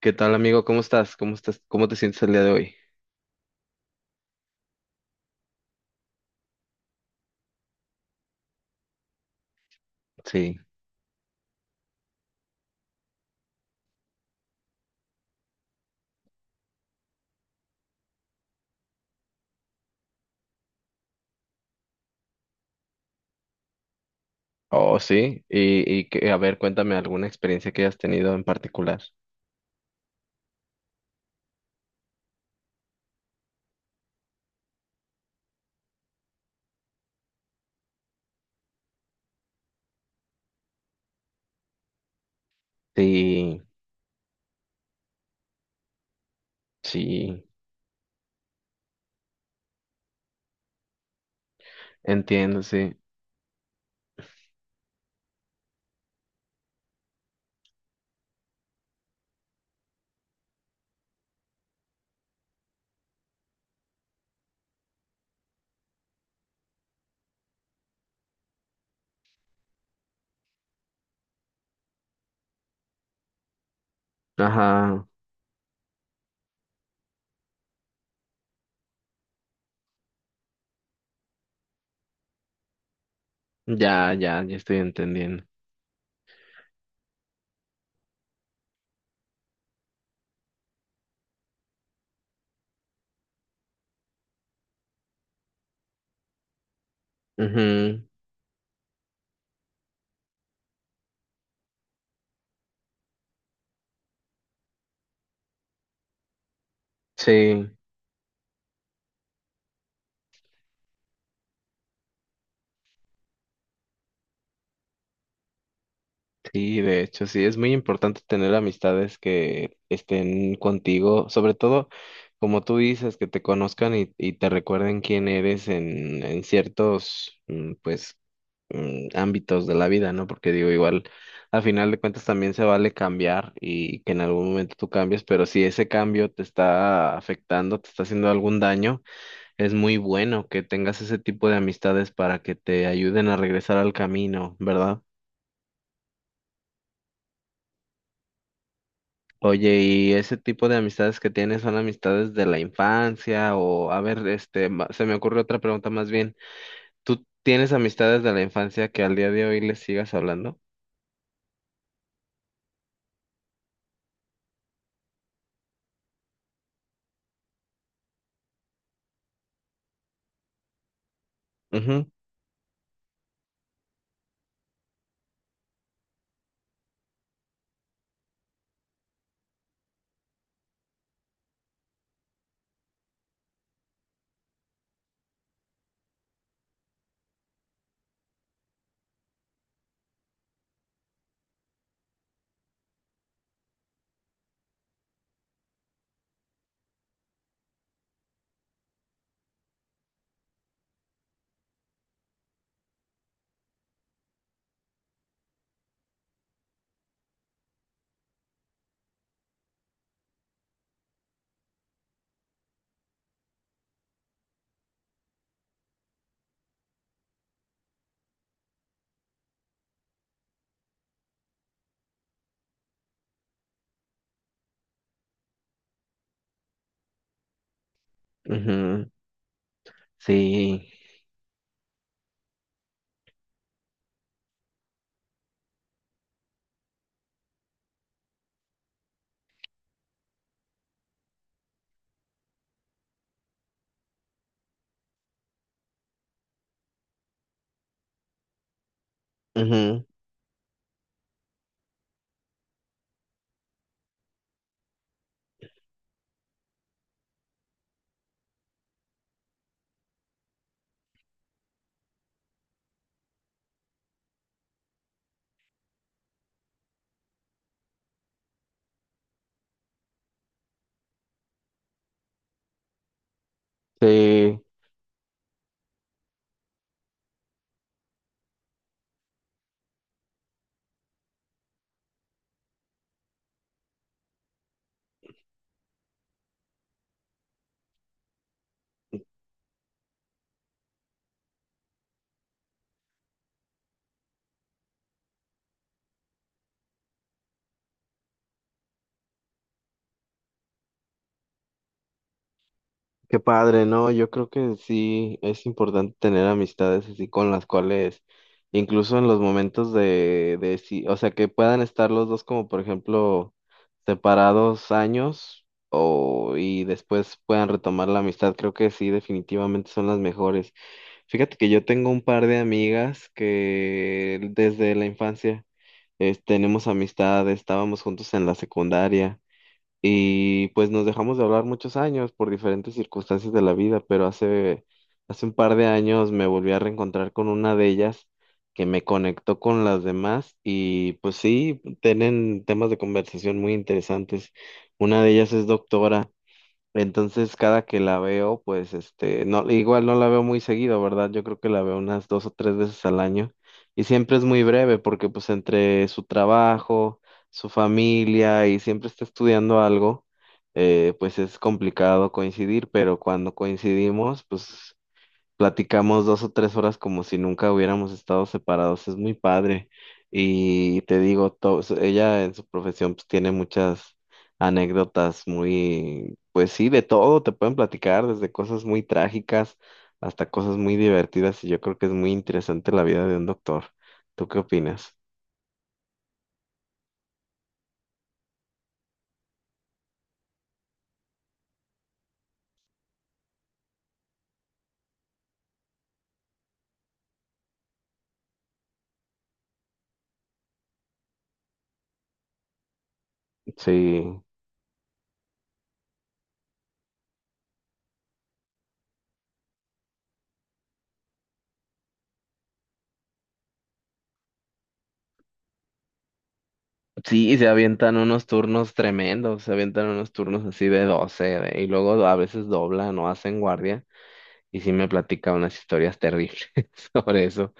¿Qué tal, amigo? ¿Cómo estás? ¿Cómo estás? ¿Cómo te sientes el día de hoy? Sí. Oh, sí. Y a ver, cuéntame alguna experiencia que hayas tenido en particular. Sí, sí. Entiendo, sí. Ajá. Ya, ya, ya estoy entendiendo. Ujú. Sí, sí, de hecho, sí. Es muy importante tener amistades que estén contigo, sobre todo, como tú dices, que te conozcan y te recuerden quién eres en ciertos, pues ámbitos de la vida, ¿no? Porque digo, igual, al final de cuentas también se vale cambiar y que en algún momento tú cambies, pero si ese cambio te está afectando, te está haciendo algún daño, es muy bueno que tengas ese tipo de amistades para que te ayuden a regresar al camino, ¿verdad? Oye, ¿y ese tipo de amistades que tienes son amistades de la infancia? O, a ver, este, se me ocurre otra pregunta más bien. ¿Tú tienes amistades de la infancia que al día de hoy les sigas hablando? Ujú, ujú. Sí. Ujú. Sí, qué padre, ¿no? Yo creo que sí es importante tener amistades así con las cuales, incluso en los momentos de sí, o sea, que puedan estar los dos como, por ejemplo, separados años o y después puedan retomar la amistad, creo que sí, definitivamente son las mejores. Fíjate que yo tengo un par de amigas que desde la infancia tenemos amistad, estábamos juntos en la secundaria. Y pues nos dejamos de hablar muchos años por diferentes circunstancias de la vida, pero hace un par de años me volví a reencontrar con una de ellas que me conectó con las demás y pues sí, tienen temas de conversación muy interesantes. Una de ellas es doctora. Entonces, cada que la veo, pues este, no, igual no la veo muy seguido, ¿verdad? Yo creo que la veo unas dos o tres veces al año y siempre es muy breve porque pues entre su trabajo, su familia y siempre está estudiando algo, pues es complicado coincidir, pero cuando coincidimos, pues platicamos 2 o 3 horas como si nunca hubiéramos estado separados, es muy padre. Y te digo, ella en su profesión pues tiene muchas anécdotas muy, pues sí, de todo, te pueden platicar desde cosas muy trágicas hasta cosas muy divertidas y yo creo que es muy interesante la vida de un doctor. ¿Tú qué opinas? Sí, sí, se avientan unos turnos tremendos, se avientan unos turnos así de 12 y luego a veces doblan o hacen guardia. Y sí me platica unas historias terribles sobre eso.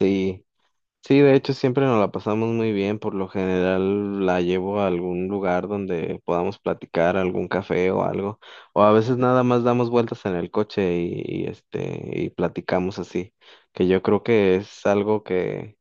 Sí, sí, de hecho siempre nos la pasamos muy bien, por lo general la llevo a algún lugar donde podamos platicar, algún café o algo, o a veces nada más damos vueltas en el coche y, este y platicamos así, que yo creo que es algo que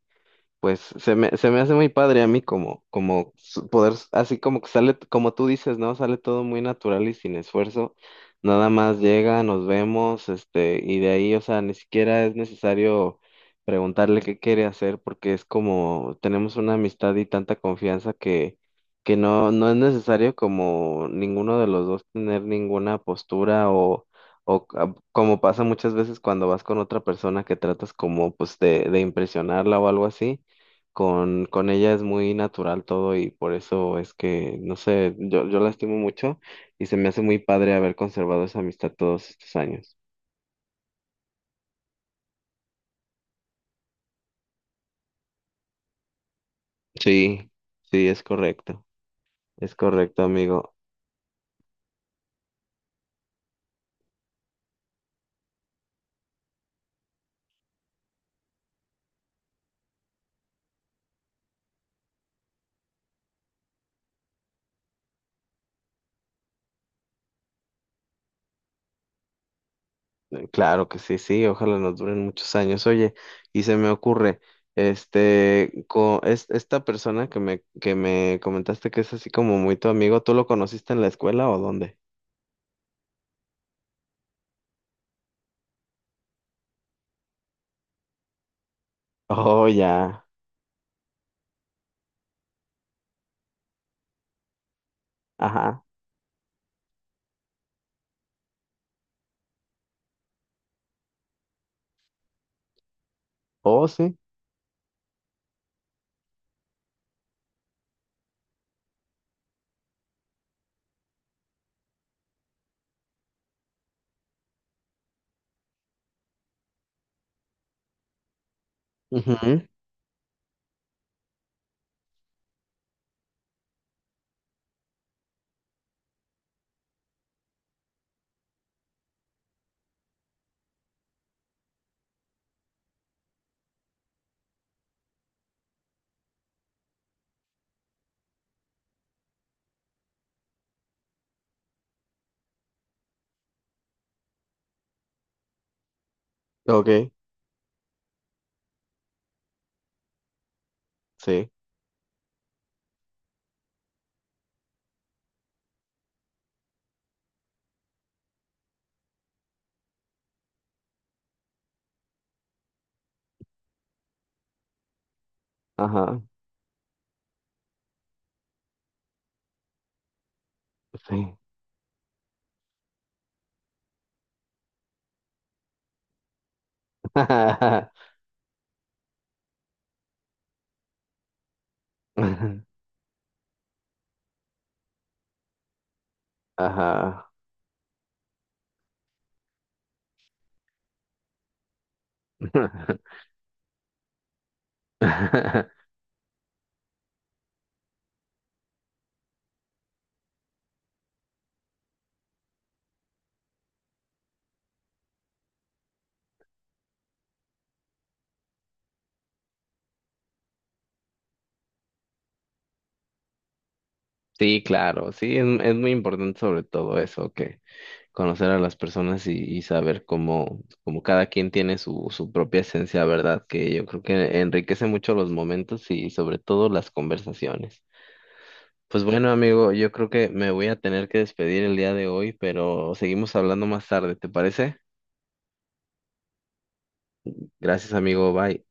pues se me hace muy padre a mí como poder, así como que sale, como tú dices, ¿no? Sale todo muy natural y sin esfuerzo. Nada más llega, nos vemos, este, y de ahí, o sea, ni siquiera es necesario preguntarle qué quiere hacer porque es como, tenemos una amistad y tanta confianza que no, no es necesario como ninguno de los dos tener ninguna postura o... O como pasa muchas veces cuando vas con otra persona que tratas como pues de impresionarla o algo así con ella es muy natural todo y por eso es que, no sé, yo la estimo mucho y se me hace muy padre haber conservado esa amistad todos estos años. Sí, sí, es correcto, amigo. Claro que sí, sí, ojalá nos duren muchos años. Oye, y se me ocurre, este, esta persona que me comentaste que es así como muy tu amigo, ¿tú lo conociste en la escuela o dónde? Oh, ya, ajá, oh, sí, ujú, ok, sí. Ajá. Sí. Ajá. Sí, claro, sí, es muy importante sobre todo eso, que conocer a las personas y saber cómo cada quien tiene su propia esencia, ¿verdad? Que yo creo que enriquece mucho los momentos y sobre todo las conversaciones. Pues bueno, amigo, yo creo que me voy a tener que despedir el día de hoy, pero seguimos hablando más tarde, ¿te parece? Gracias, amigo, bye.